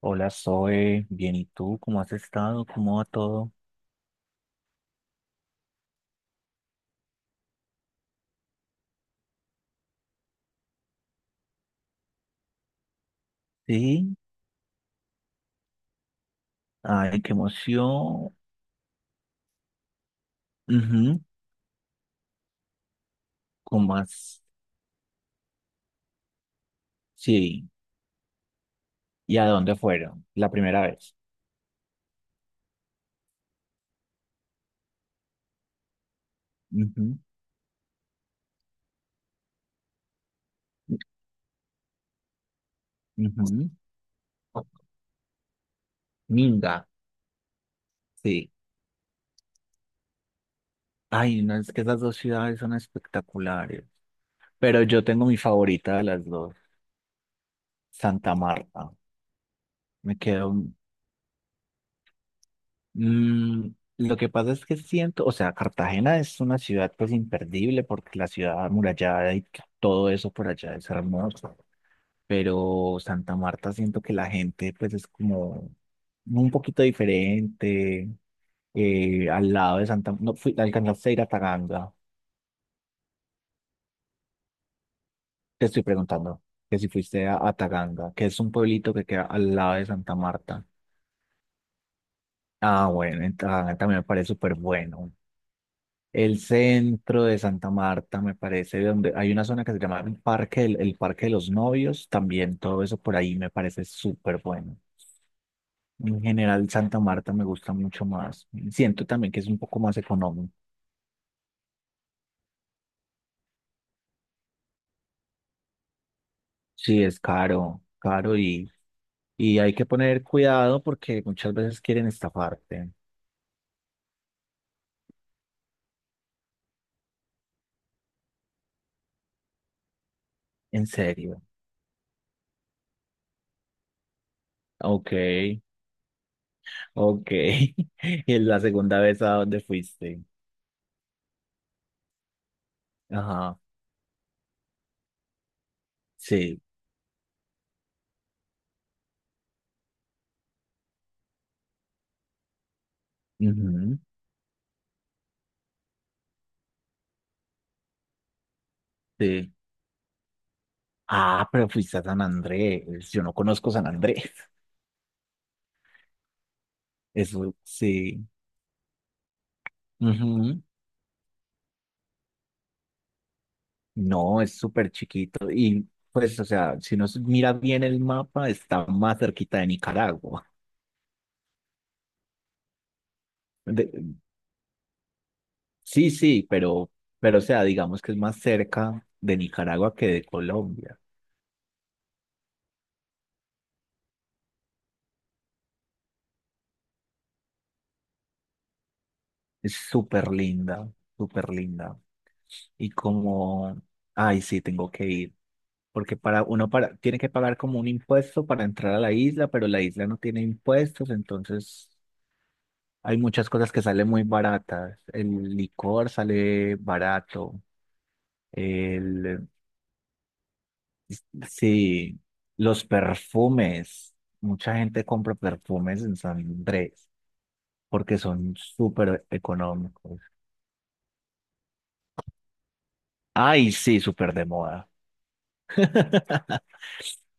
Hola, Zoe, bien, ¿y tú? ¿Cómo has estado? ¿Cómo va todo? Sí, ay, qué emoción. Ujú, ¿cómo has? Sí, ¿y a dónde fueron? La primera vez. Ujú, ujú. Minga, sí. Ay, no, es que esas dos ciudades son espectaculares, pero yo tengo mi favorita de las dos, Santa Marta. Me quedo. Mm, lo que pasa es que siento, o sea, Cartagena es una ciudad pues imperdible porque la ciudad amurallada y todo eso por allá es hermoso, pero Santa Marta siento que la gente pues es como un poquito diferente, al lado de Santa, no fui, ¿alcanzaste a ir a Taganga? Te estoy preguntando, que si fuiste a Taganga, que es un pueblito que queda al lado de Santa Marta. Ah, bueno, en Taganga también me parece súper bueno. El centro de Santa Marta, me parece, donde hay una zona que se llama el Parque, el Parque de los Novios, también todo eso por ahí me parece súper bueno. En general, Santa Marta me gusta mucho más. Siento también que es un poco más económico. Sí, es caro, caro, y hay que poner cuidado porque muchas veces quieren estafarte. En serio. Ok, ok. ¿Y es la segunda vez a donde fuiste? Ajá, sí. Ujú, sí. Ah, pero fuiste a San Andrés. Yo no conozco San Andrés. Eso sí. Ujú. No, es súper chiquito. Y pues, o sea, si nos mira bien el mapa, está más cerquita de Nicaragua. De- sí, sí, pero, o sea, digamos que es más cerca de Nicaragua que de Colombia. Es súper linda, súper linda. Y como, ay, sí, tengo que ir. Porque para uno para, tiene que pagar como un impuesto para entrar a la isla, pero la isla no tiene impuestos, entonces hay muchas cosas que salen muy baratas. El licor sale barato. El, sí, los perfumes. Mucha gente compra perfumes en San Andrés porque son súper económicos. Ay, sí, súper de moda.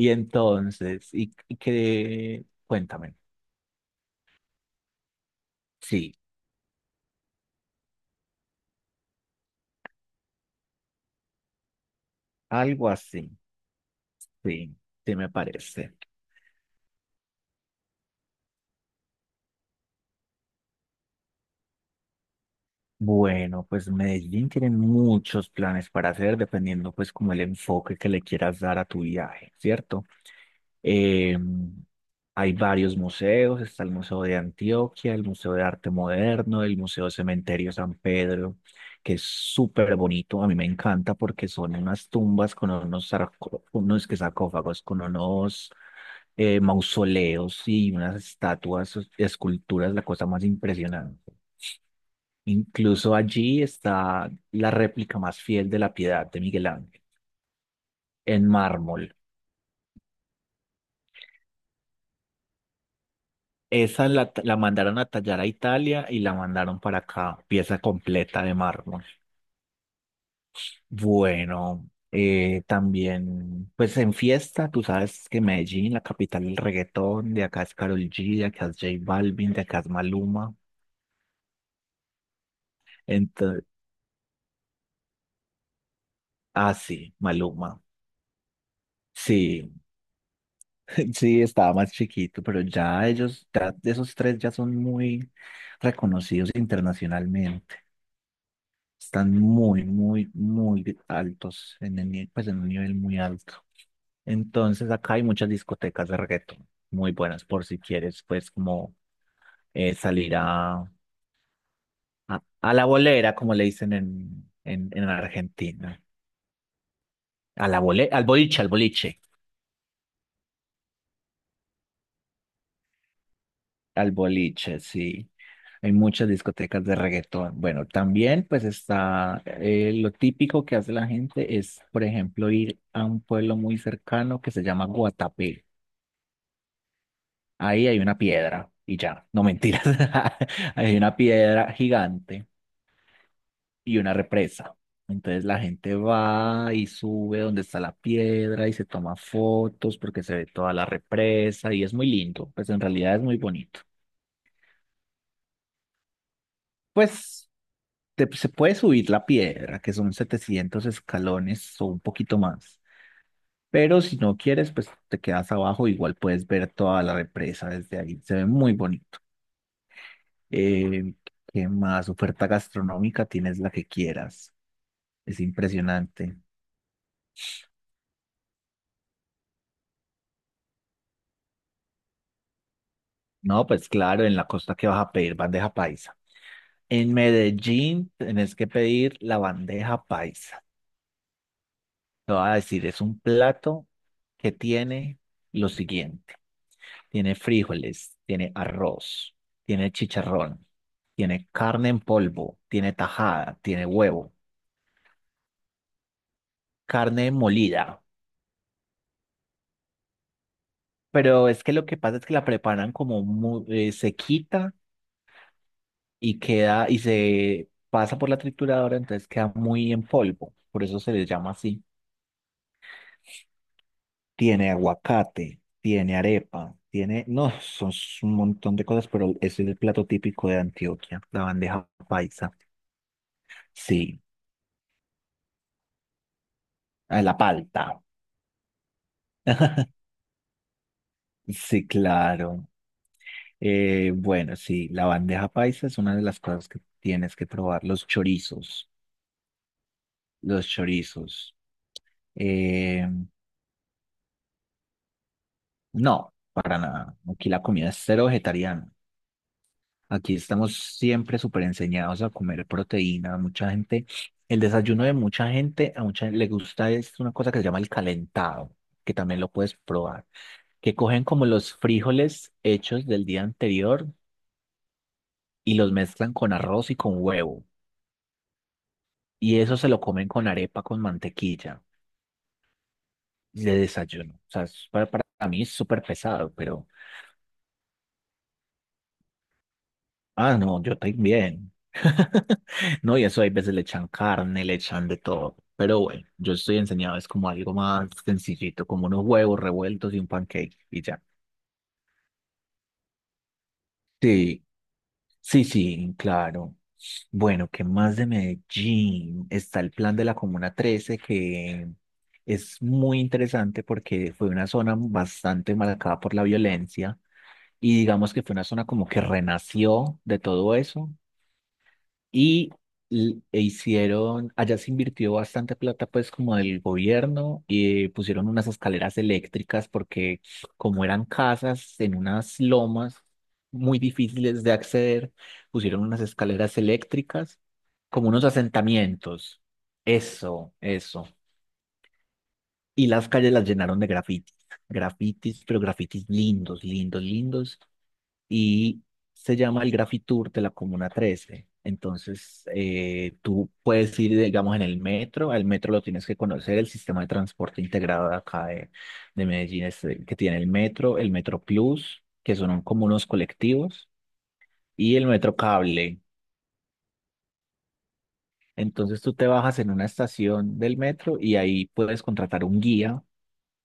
Y entonces, y que, cuéntame. Sí, algo así. Sí, sí me parece. Bueno, pues Medellín tiene muchos planes para hacer dependiendo pues como el enfoque que le quieras dar a tu viaje, ¿cierto? Eh, Hay varios museos, está el Museo de Antioquia, el Museo de Arte Moderno, el Museo Cementerio San Pedro, que es súper bonito, a mí me encanta porque son unas tumbas con unos, unos que sarcófagos, con unos mausoleos y unas estatuas, esculturas, la cosa más impresionante. Incluso allí está la réplica más fiel de la Piedad de Miguel Ángel, en mármol. Esa la mandaron a tallar a Italia y la mandaron para acá, pieza completa de mármol. Bueno, también, pues en fiesta, tú sabes que Medellín, la capital del reggaetón, de acá es Karol G, de acá es J Balvin, de acá es Maluma. Entonces, ah, sí, Maluma. Sí. Sí, estaba más chiquito, pero ya ellos, ya esos tres ya son muy reconocidos internacionalmente. Están muy, muy, muy altos, en el, ni- pues en un nivel muy alto. Entonces acá hay muchas discotecas de reggaetón, muy buenas por si quieres, pues como salir a, a la bolera, como le dicen en, en Argentina. Al boliche, al boliche. Al boliche, sí. Hay muchas discotecas de reggaetón. Bueno, también pues está lo típico que hace la gente es, por ejemplo, ir a un pueblo muy cercano que se llama Guatapé. Ahí hay una piedra y ya, no mentiras, hay una piedra gigante y una represa. Entonces la gente va y sube donde está la piedra y se toma fotos porque se ve toda la represa y es muy lindo, pues en realidad es muy bonito. Pues se puede subir la piedra, que son 700 escalones o un poquito más. Pero si no quieres, pues te quedas abajo, igual puedes ver toda la represa desde ahí. Se ve muy bonito. Eh, ¿Qué más? Oferta gastronómica, tienes la que quieras. Es impresionante. No, pues claro, en la costa que vas a pedir bandeja paisa. En Medellín tenés que pedir la bandeja paisa. Te voy a decir, es un plato que tiene lo siguiente. Tiene frijoles, tiene arroz, tiene chicharrón, tiene carne en polvo, tiene tajada, tiene huevo, carne molida. Pero es que lo que pasa es que la preparan como se quita y queda y se pasa por la trituradora, entonces queda muy en polvo. Por eso se les llama así. Tiene aguacate, tiene arepa, tiene, no, son un montón de cosas, pero ese es el plato típico de Antioquia, la bandeja paisa. Sí, ah, la palta. Sí, claro. Bueno, sí, la bandeja paisa es una de las cosas que tienes que probar. Los chorizos, los chorizos. Eh, no, para nada. Aquí la comida es cero vegetariana. Aquí estamos siempre súper enseñados a comer proteína. Mucha gente, el desayuno de mucha gente, a mucha gente le gusta es una cosa que se llama el calentado, que también lo puedes probar. Que cogen como los frijoles hechos del día anterior y los mezclan con arroz y con huevo. Y eso se lo comen con arepa con mantequilla de desayuno. O sea, es para mí es súper pesado, pero ah, no, yo también. No, y eso hay veces le echan carne, le echan de todo. Pero bueno, yo estoy enseñado, es como algo más sencillito, como unos huevos revueltos y un pancake y ya. Sí, sí, sí, claro. Bueno, ¿qué más de Medellín? Está el plan de la Comuna 13, que es muy interesante porque fue una zona bastante marcada por la violencia. Y digamos que fue una zona como que renació de todo eso, y e hicieron, allá se invirtió bastante plata pues como del gobierno y pusieron unas escaleras eléctricas porque como eran casas en unas lomas muy difíciles de acceder, pusieron unas escaleras eléctricas como unos asentamientos. Eso, eso. Y las calles las llenaron de grafitis, grafitis, pero grafitis lindos, lindos, lindos, y se llama el Graffiti Tour de la Comuna Trece. Entonces, tú puedes ir, digamos, en el metro, al metro lo tienes que conocer. El sistema de transporte integrado de acá de Medellín es el que tiene el Metro Plus, que son como unos colectivos, y el Metro Cable. Entonces, tú te bajas en una estación del metro y ahí puedes contratar un guía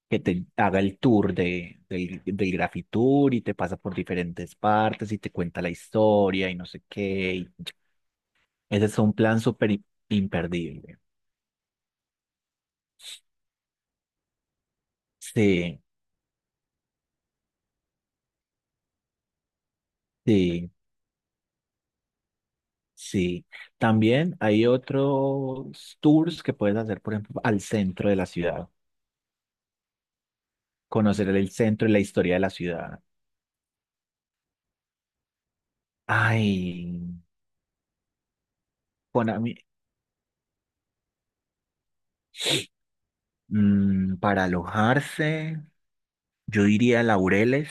que te haga el tour del Graffiti Tour y te pasa por diferentes partes y te cuenta la historia y no sé qué. Ese es un plan súper imperdible. Sí, sí, sí. También hay otros tours que puedes hacer, por ejemplo, al centro de la ciudad. Conocer el centro y la historia de la ciudad. Ay, bueno, a mí, para alojarse, yo diría Laureles.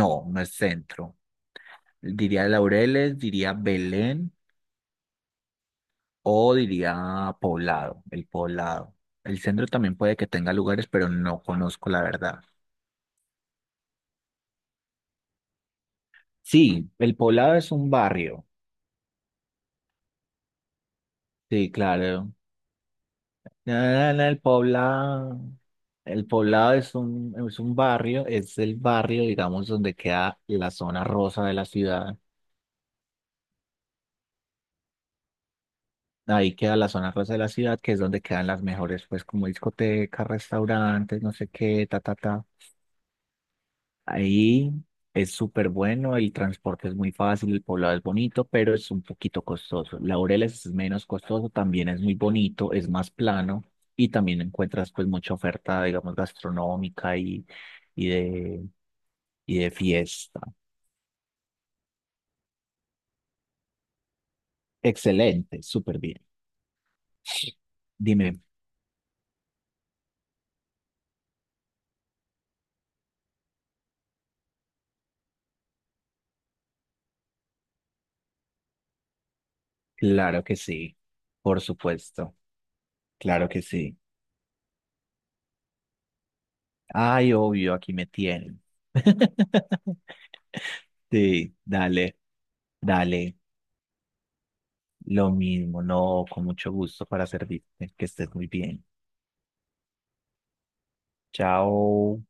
No, no es centro. Diría Laureles, diría Belén o diría Poblado. El centro también puede que tenga lugares, pero no conozco la verdad. Sí, el Poblado es un barrio. Sí, claro. Na, na, na, el Poblado. El Poblado es un barrio, es el barrio, digamos, donde queda la zona rosa de la ciudad. Ahí queda la zona rosa de la ciudad, que es donde quedan las mejores, pues, como discotecas, restaurantes, no sé qué, ta, ta, ta. Ahí es súper bueno, el transporte es muy fácil, el Poblado es bonito, pero es un poquito costoso. Laureles es menos costoso, también es muy bonito, es más plano y también encuentras pues mucha oferta, digamos, gastronómica y, y de, y de fiesta. Excelente, súper bien. Dime, claro que sí, por supuesto, claro que sí. Ay, obvio, aquí me tienen. Sí, dale, dale. Lo mismo, no, con mucho gusto para servirte. Que estés muy bien. Chao.